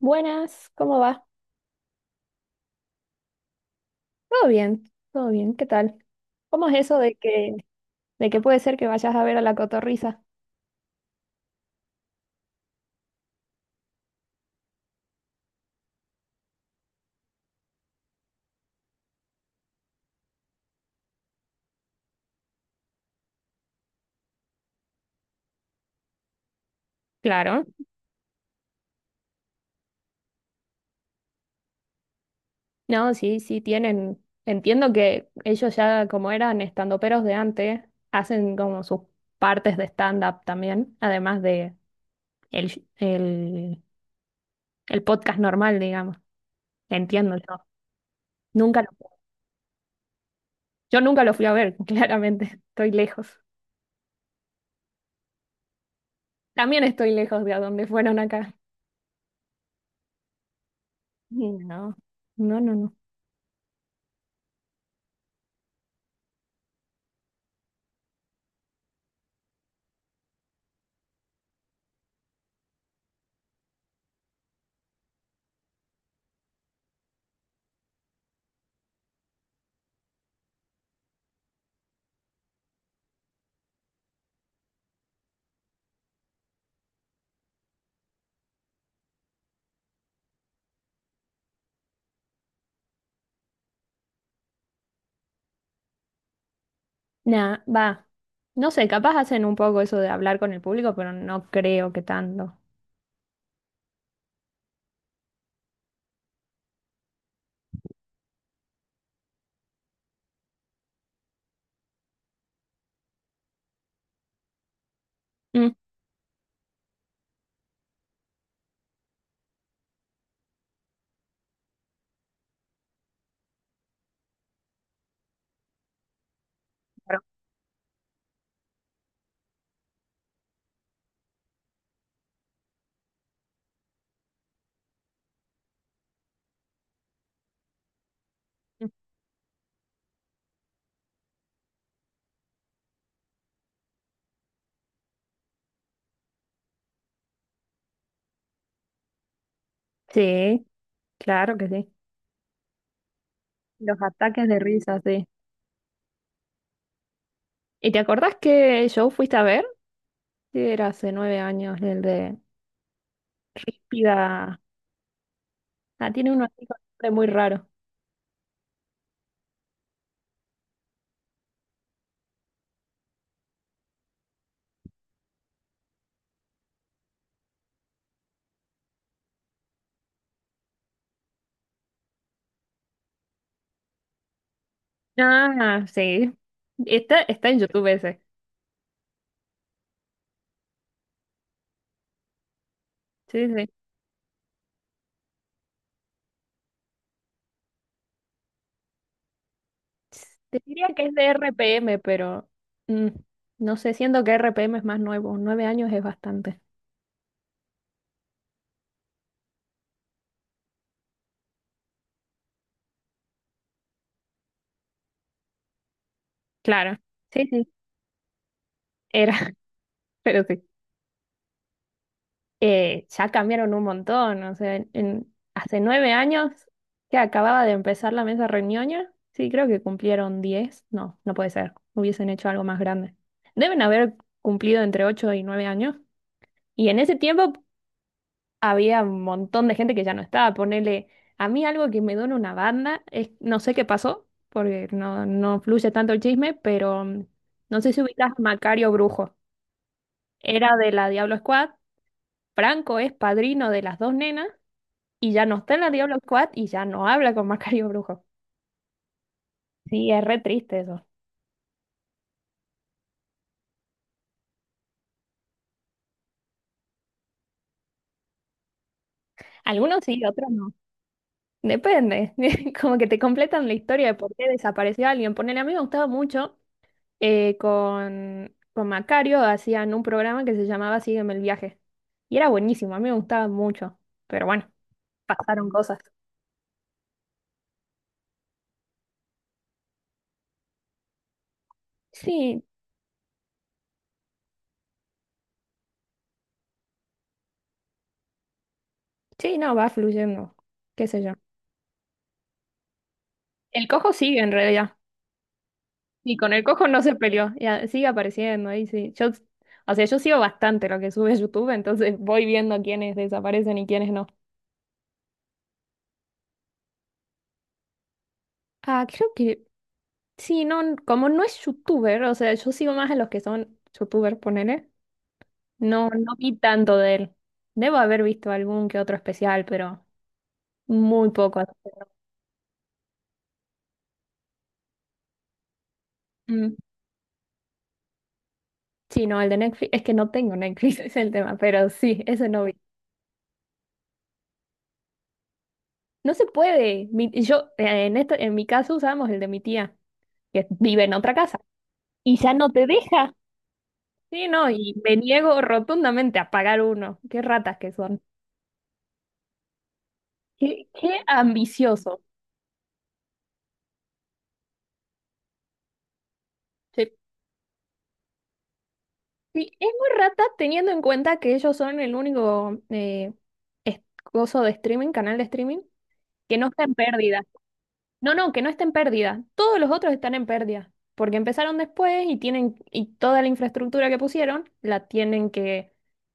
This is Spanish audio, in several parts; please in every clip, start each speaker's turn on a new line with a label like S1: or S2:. S1: Buenas, ¿cómo va? Todo bien, ¿qué tal? ¿Cómo es eso de que puede ser que vayas a ver a la Cotorrisa? Claro. No, sí, sí, tienen. Entiendo que ellos ya, como eran estandoperos de antes, hacen como sus partes de stand-up también, además de el, sh- el podcast normal, digamos. Entiendo yo. Nunca lo, yo nunca lo fui a ver, claramente. Estoy lejos. También estoy lejos de a dónde fueron acá. No, no, no, no. Nah, va. No sé, capaz hacen un poco eso de hablar con el público, pero no creo que tanto. Mm, sí, claro que sí. Los ataques de risa, sí. ¿Y te acordás qué show fuiste a ver? Sí, era hace nueve años, el de Piga. Ah, tiene uno así con nombre muy raro. Ah, sí. Está, está en YouTube ese. Sí, sí. Te diría que es de RPM, pero mm, no sé, siento que RPM es más nuevo. Nueve años es bastante. Claro. Sí, sí. Era, pero sí. Ya cambiaron un montón. O sea, hace nueve años que acababa de empezar la mesa reñoña, sí, creo que cumplieron diez. No, no puede ser. Hubiesen hecho algo más grande. Deben haber cumplido entre ocho y nueve años. Y en ese tiempo había un montón de gente que ya no estaba. Ponele, a mí algo que me duele una banda es, no sé qué pasó, porque no, no fluye tanto el chisme, pero no sé si ubicas a Macario Brujo. Era de la Diablo Squad. Franco es padrino de las dos nenas y ya no está en la Diablo Squad y ya no habla con Macario Brujo. Sí, es re triste eso. Algunos sí, otros no. Depende. Como que te completan la historia de por qué desapareció alguien. Ponele, a mí me gustaba mucho con Macario, hacían un programa que se llamaba Sígueme el viaje. Y era buenísimo, a mí me gustaba mucho. Pero bueno, pasaron cosas. Sí, sí, no, va fluyendo. ¿Qué sé yo? El cojo sigue en realidad. Y con el cojo no se peleó, y a- sigue apareciendo ahí, sí. Yo, o sea, yo sigo bastante lo que sube YouTube, entonces voy viendo quiénes desaparecen y quiénes no. Ah, creo que sí, no, n- como no es youtuber, o sea, yo sigo más a los que son youtubers, ponele. No, no vi tanto de él. Debo haber visto algún que otro especial, pero muy poco. Mm. Sí, no, el de Netflix, es que no tengo Netflix, es el tema, pero sí, ese no vi. No se puede. Mi- yo, en este en mi caso usábamos el de mi tía, que vive en otra casa. Y ya no te deja. Sí, no, y me niego rotundamente a pagar uno. Qué ratas que son. Qué, qué ambicioso. Sí. Sí, es muy rata teniendo en cuenta que ellos son el único es- coso de streaming, canal de streaming, que no está en pérdida. No, no, que no está en pérdida. Todos los otros están en pérdida, porque empezaron después y tienen, y toda la infraestructura que pusieron la tienen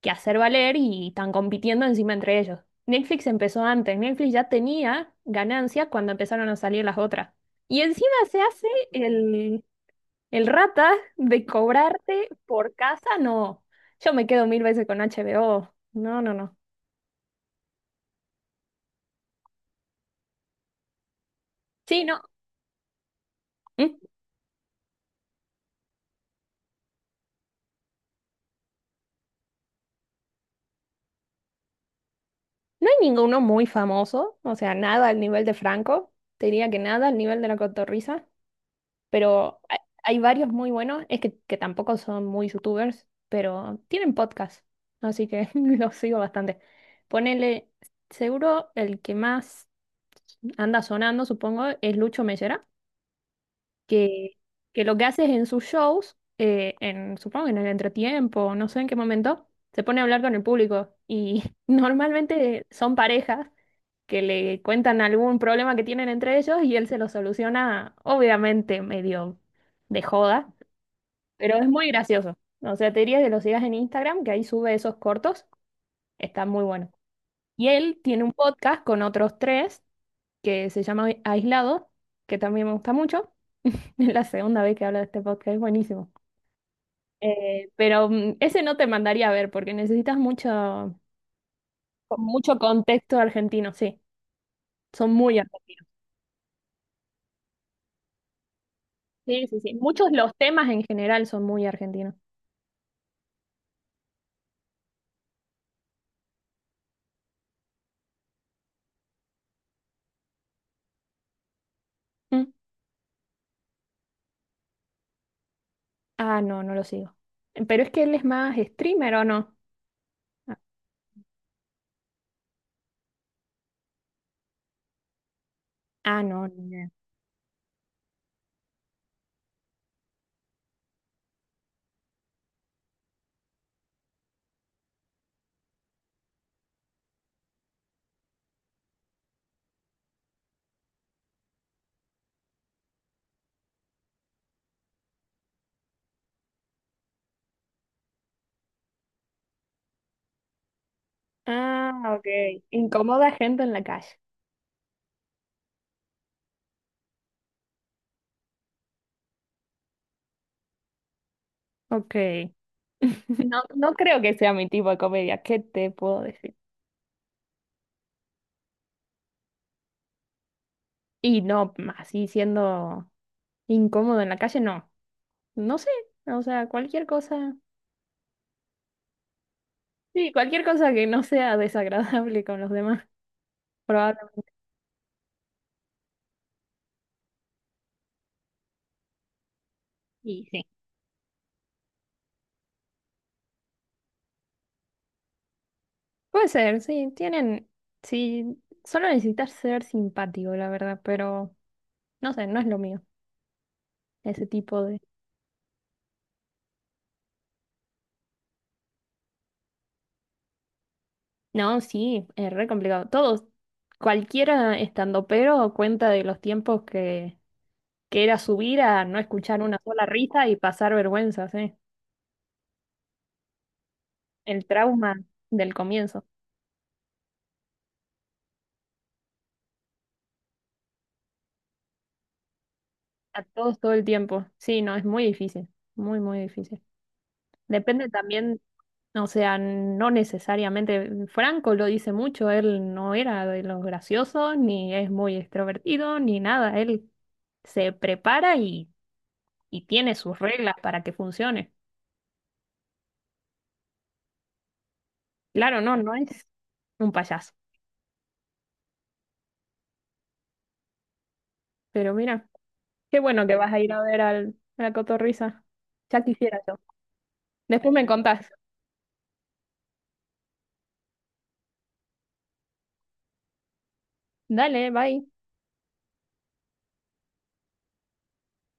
S1: que hacer valer y están compitiendo encima entre ellos. Netflix empezó antes, Netflix ya tenía ganancias cuando empezaron a salir las otras. Y encima se hace el rata de cobrarte por casa, no. Yo me quedo mil veces con HBO. No, no, no. Sí, no. ¿Mm? No hay ninguno muy famoso, o sea, nada al nivel de Franco, te diría que nada al nivel de La Cotorrisa, pero hay varios muy buenos, es que tampoco son muy youtubers, pero tienen podcast, así que los sigo bastante. Ponele, seguro el que más anda sonando, supongo, es Lucho Mellera que, que lo que hace es en sus shows, en, supongo que en el entretiempo, no sé en qué momento, se pone a hablar con el público y normalmente son parejas que le cuentan algún problema que tienen entre ellos y él se lo soluciona, obviamente medio de joda, pero es muy gracioso. O sea, te diría que lo sigas en Instagram, que ahí sube esos cortos, está muy bueno. Y él tiene un podcast con otros tres que se llama Aislado, que también me gusta mucho. Es la segunda vez que hablo de este podcast, es buenísimo. Pero ese no te mandaría a ver porque necesitas mucho, con mucho contexto argentino, sí. Son muy argentinos. Sí, sí, sí. Muchos los temas en general son muy argentinos. Mm. Ah, no, no lo sigo. Pero es que él es más streamer, ¿o no? Ah, no, ni idea. Ah, ok. Incomoda gente en la calle. Ok. No, no creo que sea mi tipo de comedia. ¿Qué te puedo decir? Y no, así siendo incómodo en la calle, no. No sé, o sea, cualquier cosa. Sí, cualquier cosa que no sea desagradable con los demás, probablemente. Y sí. Puede ser, sí, tienen, sí, solo necesitas ser simpático, la verdad, pero no sé, no es lo mío, ese tipo de... No, sí, es re complicado. Todos, cualquiera estandopero cuenta de los tiempos que era subir a no escuchar una sola risa y pasar vergüenzas, ¿eh? El trauma del comienzo. A todos todo el tiempo. Sí, no, es muy difícil, muy, muy difícil. Depende también, o sea, no necesariamente, Franco lo dice mucho, él no era de los graciosos, ni es muy extrovertido, ni nada, él se prepara y tiene sus reglas para que funcione. Claro, no, no es un payaso, pero mira, qué bueno que vas a ir a ver al, a la cotorrisa. Ya quisiera yo. Después me contás. Dale, bye.